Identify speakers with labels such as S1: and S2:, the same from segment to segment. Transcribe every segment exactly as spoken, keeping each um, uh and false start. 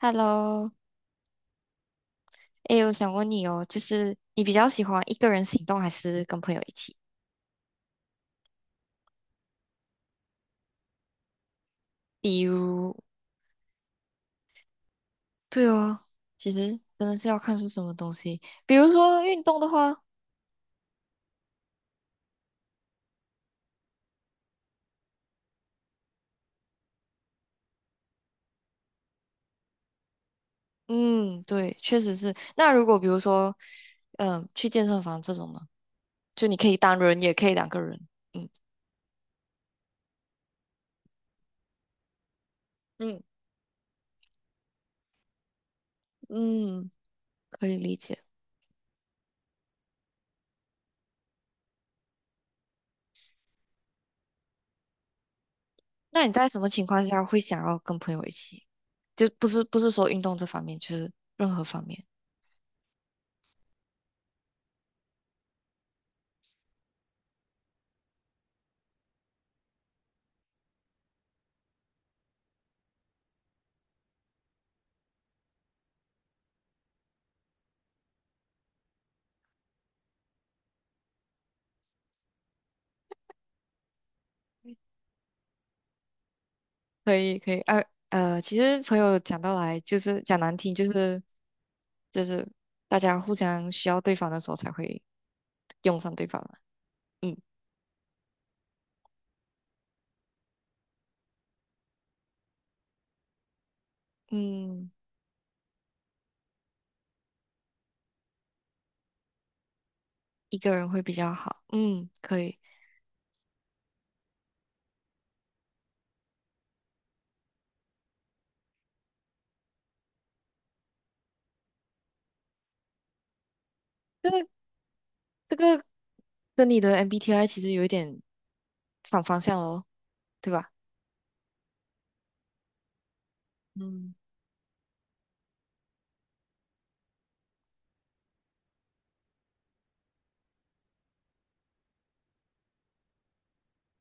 S1: Hello，诶，我想问你哦，就是你比较喜欢一个人行动还是跟朋友一起？比如，对哦，其实真的是要看是什么东西。比如说运动的话，嗯，对，确实是。那如果比如说，嗯、去健身房这种呢，就你可以单人，也可以两个人。嗯嗯嗯，可以理解。那你在什么情况下会想要跟朋友一起？就不是不是说运动这方面，就是任何方面。可以可以，呃，呃，其实朋友讲到来就是讲难听，就是就是大家互相需要对方的时候才会用上对方嘛。嗯嗯，一个人会比较好。嗯，可以。这个这个跟你的 M B T I 其实有一点反方向哦，对吧？嗯。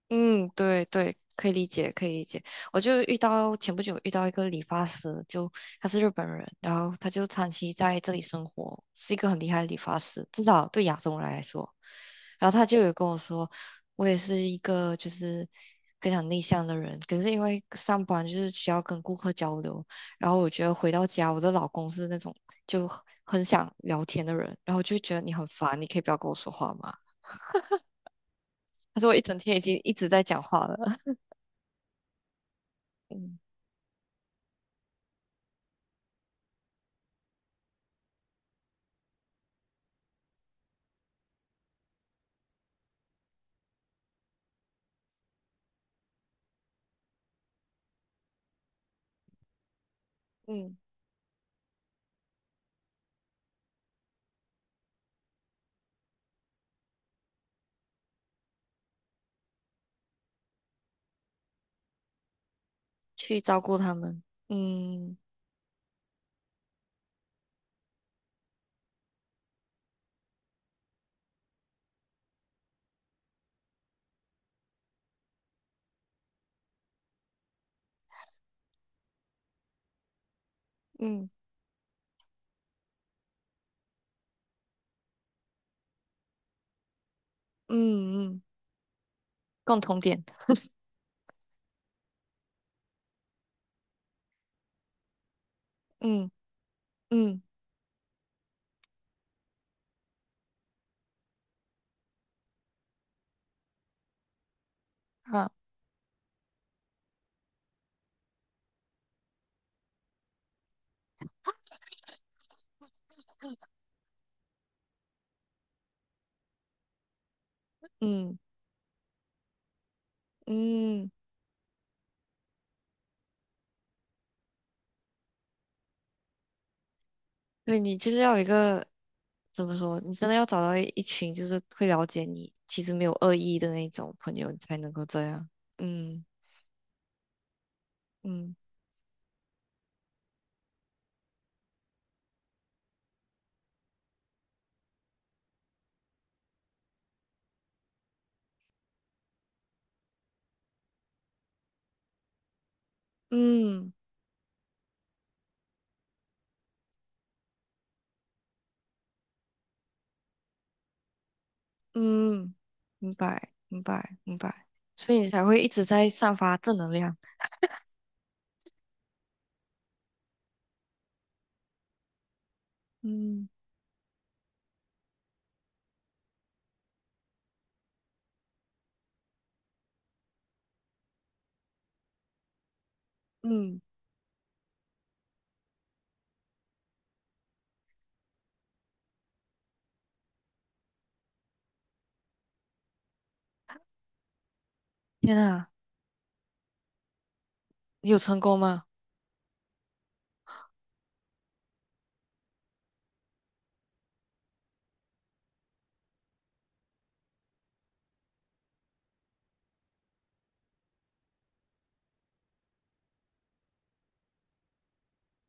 S1: 嗯，对对，可以理解，可以理解。我就遇到前不久遇到一个理发师，就他是日本人，然后他就长期在这里生活，是一个很厉害的理发师，至少对亚洲人来说。然后他就有跟我说，我也是一个就是非常内向的人，可是因为上班就是需要跟顾客交流，然后我觉得回到家，我的老公是那种就很想聊天的人，然后就觉得你很烦，你可以不要跟我说话吗？他说我一整天已经一直在讲话了。嗯去照顾他们。嗯嗯嗯嗯共同点嗯嗯好。嗯嗯对你就是要有一个怎么说，你真的要找到一一群就是会了解你，其实没有恶意的那种朋友，你才能够这样。嗯，嗯嗯嗯明白，明白，明白。所以你才会一直在散发正能量。嗯嗯天啊，你有成功吗？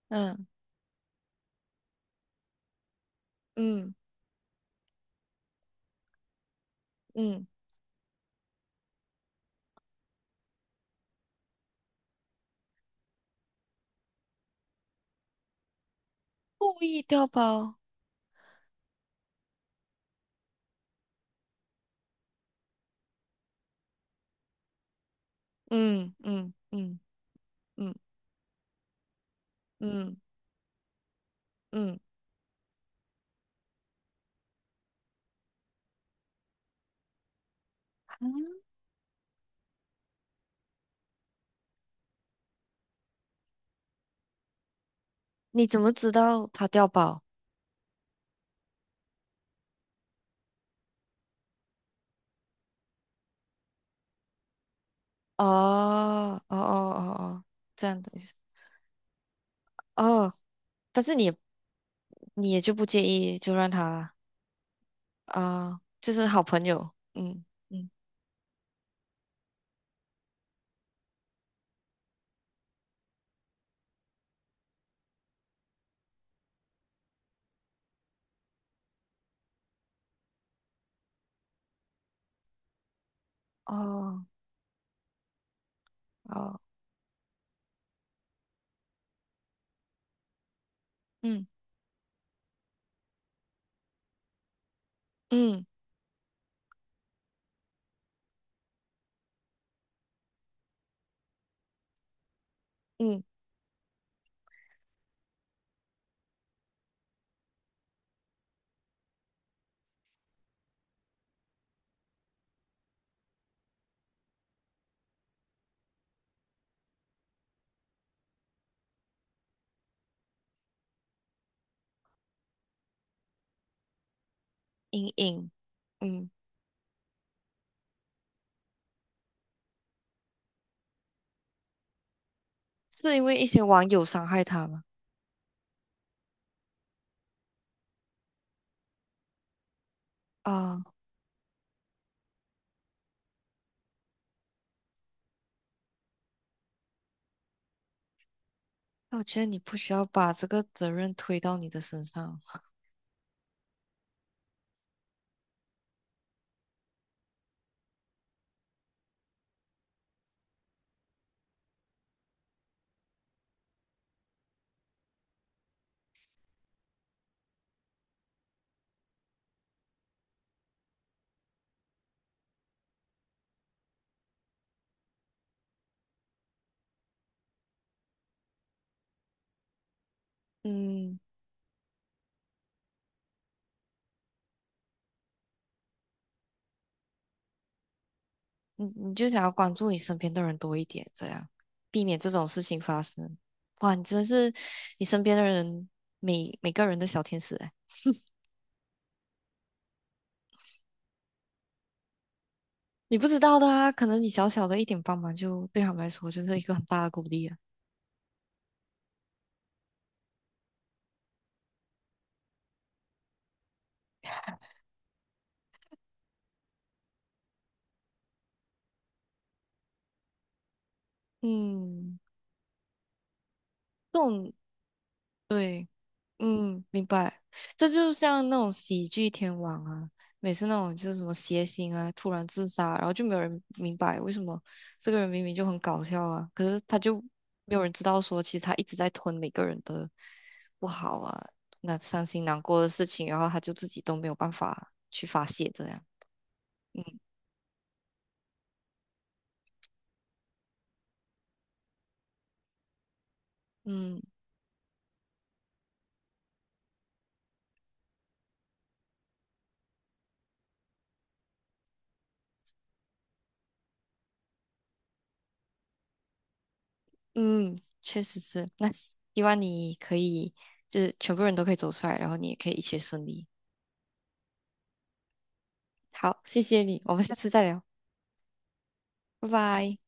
S1: 嗯。嗯嗯。故意掉包，嗯嗯嗯嗯嗯嗯，啊你怎么知道他掉包？哦哦哦哦哦，这样的意思。哦，但是你也你也就不介意，就让他啊、哦就是好朋友。嗯嗯，哦哦，嗯嗯嗯，隐隐，嗯，是因为一些网友伤害他吗？啊、那我觉得你不需要把这个责任推到你的身上。嗯。你就想要关注你身边的人多一点，这样避免这种事情发生。哇，你真的是你身边的人每每个人的小天使哎，你不知道的啊，可能你小小的一点帮忙就对他们来说就是一个很大的鼓励啊。嗯，这种对。嗯，明白。这就像那种喜剧天王啊，每次那种就是什么谐星啊，突然自杀，然后就没有人明白为什么这个人明明就很搞笑啊，可是他就没有人知道说，其实他一直在吞每个人的不好啊，那伤心难过的事情，然后他就自己都没有办法去发泄，这样。嗯嗯，嗯确实是。那希望你可以，就是全部人都可以走出来，然后你也可以一切顺利。好，谢谢你，我们下次再聊，拜拜。